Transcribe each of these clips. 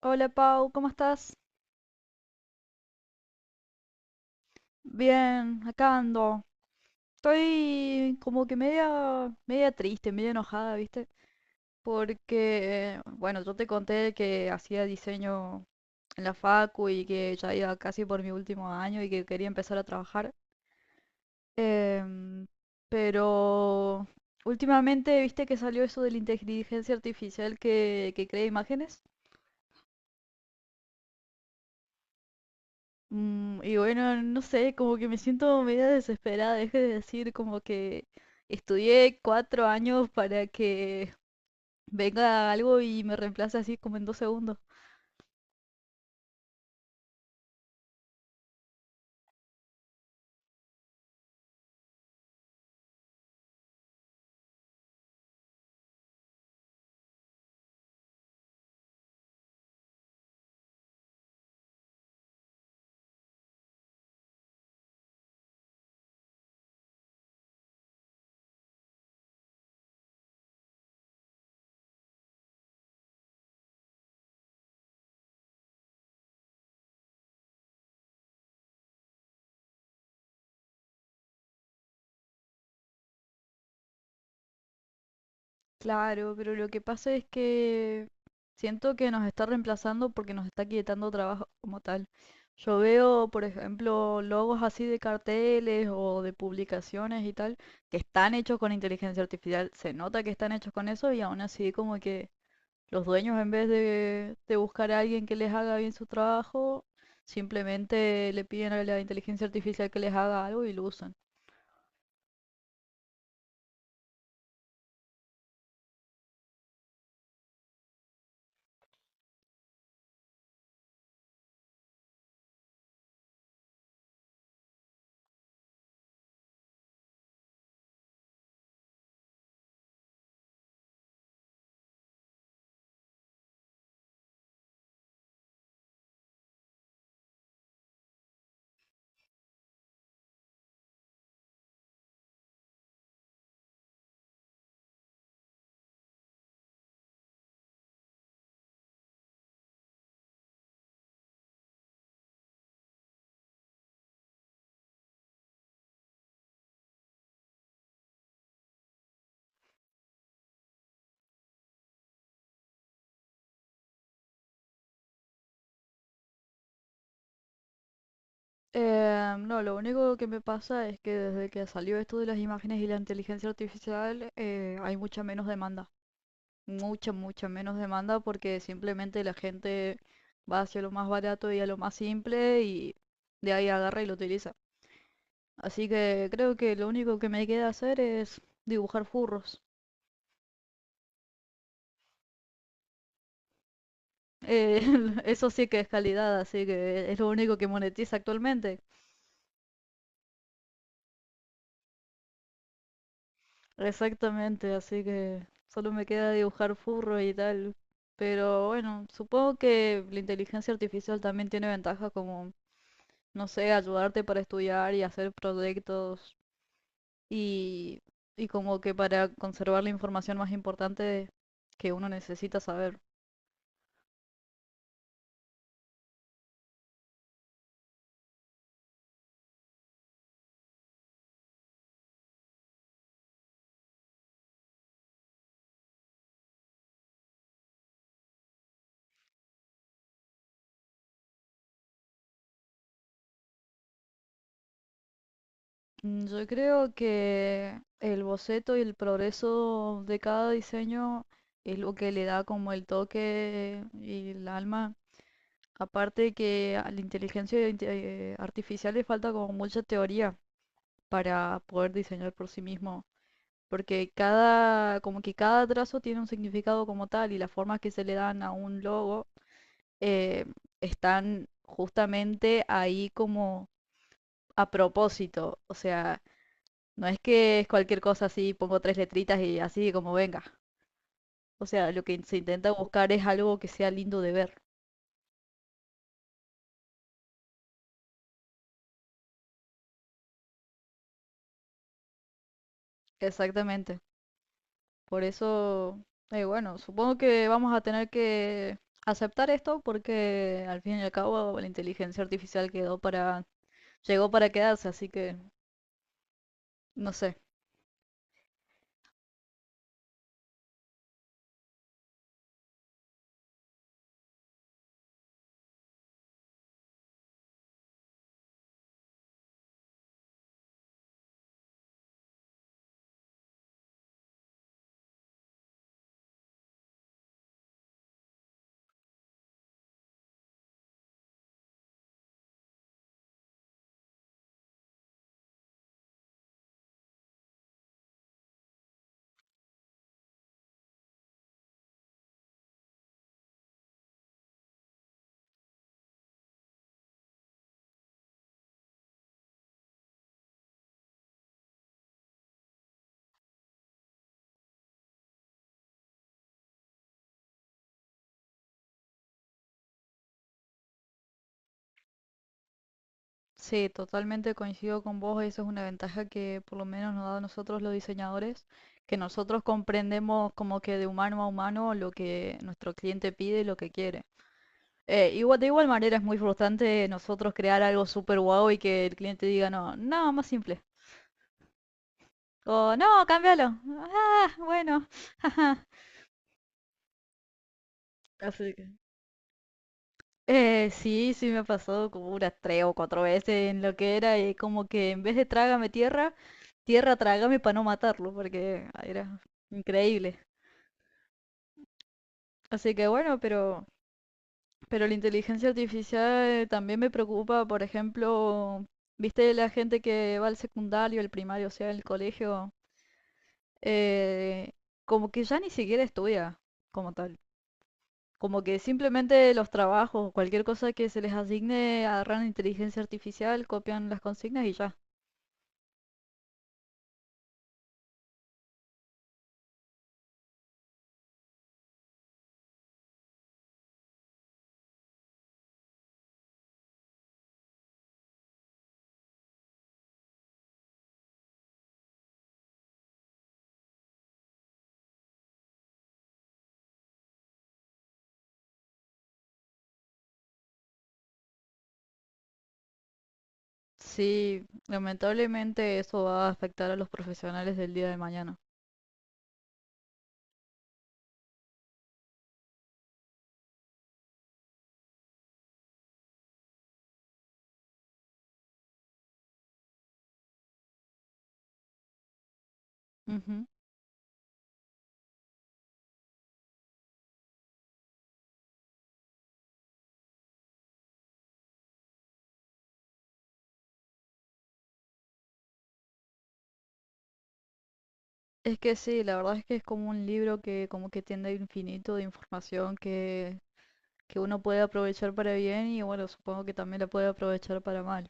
Hola Pau, ¿cómo estás? Bien, acá ando. Estoy como que media, media triste, media enojada, ¿viste? Porque, bueno, yo te conté que hacía diseño en la facu y que ya iba casi por mi último año y que quería empezar a trabajar. Em, pero últimamente, ¿viste que salió eso de la inteligencia artificial que crea imágenes? Y bueno, no sé, como que me siento media desesperada. Deje de decir como que estudié 4 años para que venga algo y me reemplace así como en 2 segundos. Claro, pero lo que pasa es que siento que nos está reemplazando porque nos está quitando trabajo como tal. Yo veo, por ejemplo, logos así de carteles o de publicaciones y tal, que están hechos con inteligencia artificial. Se nota que están hechos con eso y aún así como que los dueños, en vez de buscar a alguien que les haga bien su trabajo, simplemente le piden a la inteligencia artificial que les haga algo y lo usan. No, lo único que me pasa es que desde que salió esto de las imágenes y la inteligencia artificial, hay mucha menos demanda. Mucha, mucha menos demanda porque simplemente la gente va hacia lo más barato y a lo más simple y de ahí agarra y lo utiliza. Así que creo que lo único que me queda hacer es dibujar furros. Eh, Eso sí que es calidad, así que es lo único que monetiza actualmente. Exactamente, así que solo me queda dibujar furro y tal. Pero bueno, supongo que la inteligencia artificial también tiene ventajas como, no sé, ayudarte para estudiar y hacer proyectos y, y como que para conservar la información más importante que uno necesita saber. Yo creo que el boceto y el progreso de cada diseño es lo que le da como el toque y el alma. Aparte que a la inteligencia artificial le falta como mucha teoría para poder diseñar por sí mismo, porque cada, como que cada trazo tiene un significado como tal y las formas que se le dan a un logo eh, están justamente ahí como a propósito, o sea, no es que es cualquier cosa así, pongo tres letritas y así como venga. O sea, lo que se intenta buscar es algo que sea lindo de ver. Exactamente. Por eso, bueno, supongo que vamos a tener que aceptar esto porque al fin y al cabo la inteligencia artificial quedó para, llegó para quedarse, así que no sé. Sí, totalmente coincido con vos, eso es una ventaja que por lo menos nos da a nosotros los diseñadores, que nosotros comprendemos como que de humano a humano lo que nuestro cliente pide y lo que quiere. Igual, de igual manera es muy frustrante nosotros crear algo súper guau y que el cliente diga, no, no, más simple. O no, cámbialo. Ah, bueno. ajá". Así que, Sí, sí me ha pasado como unas 3 o 4 veces en lo que era y como que en vez de trágame tierra, tierra trágame para no matarlo, porque ah, era increíble. Así que bueno, pero la inteligencia artificial también me preocupa, por ejemplo, viste la gente que va al secundario, al primario, o sea, al colegio eh, como que ya ni siquiera estudia como tal. Como que simplemente los trabajos, cualquier cosa que se les asigne, agarran inteligencia artificial, copian las consignas y ya. Sí, lamentablemente eso va a afectar a los profesionales del día de mañana. Ujú. Es que sí, la verdad es que es como un libro que como que tiende a infinito de información que uno puede aprovechar para bien y bueno, supongo que también la puede aprovechar para mal.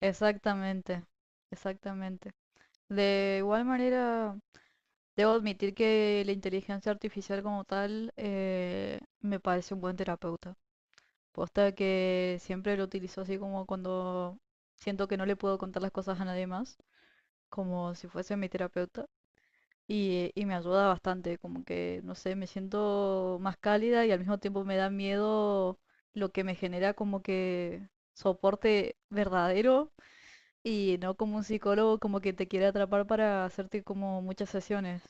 Exactamente, exactamente. De igual manera, debo admitir que la inteligencia artificial como tal me parece un buen terapeuta. Posta que siempre lo utilizo así como cuando siento que no le puedo contar las cosas a nadie más, como si fuese mi terapeuta. Y me ayuda bastante, como que, no sé, me siento más cálida y al mismo tiempo me da miedo lo que me genera como que soporte verdadero y no como un psicólogo como que te quiere atrapar para hacerte como muchas sesiones.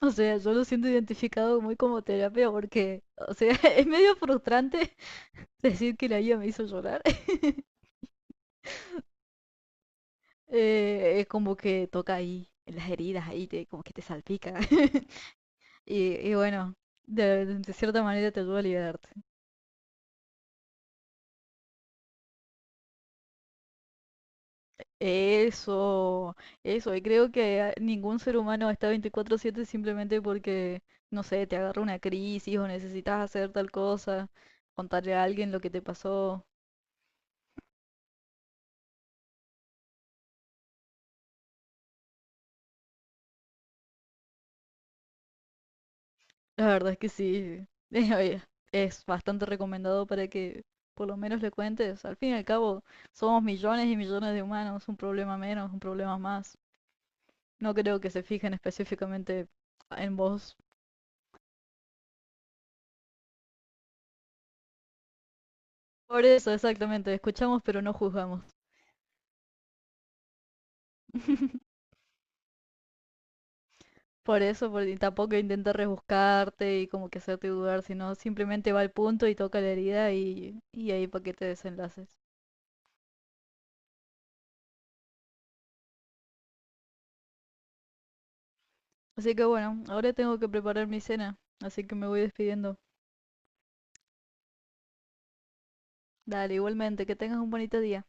O sea, yo lo siento identificado muy como terapia porque, o sea, es medio frustrante decir que la guía me hizo llorar. Es como que toca ahí, en las heridas, ahí te, como que te salpica. Y bueno, de cierta manera te ayuda a liberarte. Eso, eso, y creo que ningún ser humano está 24/7 simplemente porque, no sé, te agarra una crisis o necesitas hacer tal cosa, contarle a alguien lo que te pasó. La verdad es que sí. Oye, es bastante recomendado para que por lo menos le cuentes. Al fin y al cabo, somos millones y millones de humanos, un problema menos, un problema más. No creo que se fijen específicamente en vos. Por eso, exactamente, escuchamos pero no juzgamos. Por eso, y tampoco intenta rebuscarte y como que hacerte dudar, sino simplemente va al punto y toca la herida y ahí para que te desenlaces. Así que bueno, ahora tengo que preparar mi cena, así que me voy despidiendo. Dale, igualmente, que tengas un bonito día.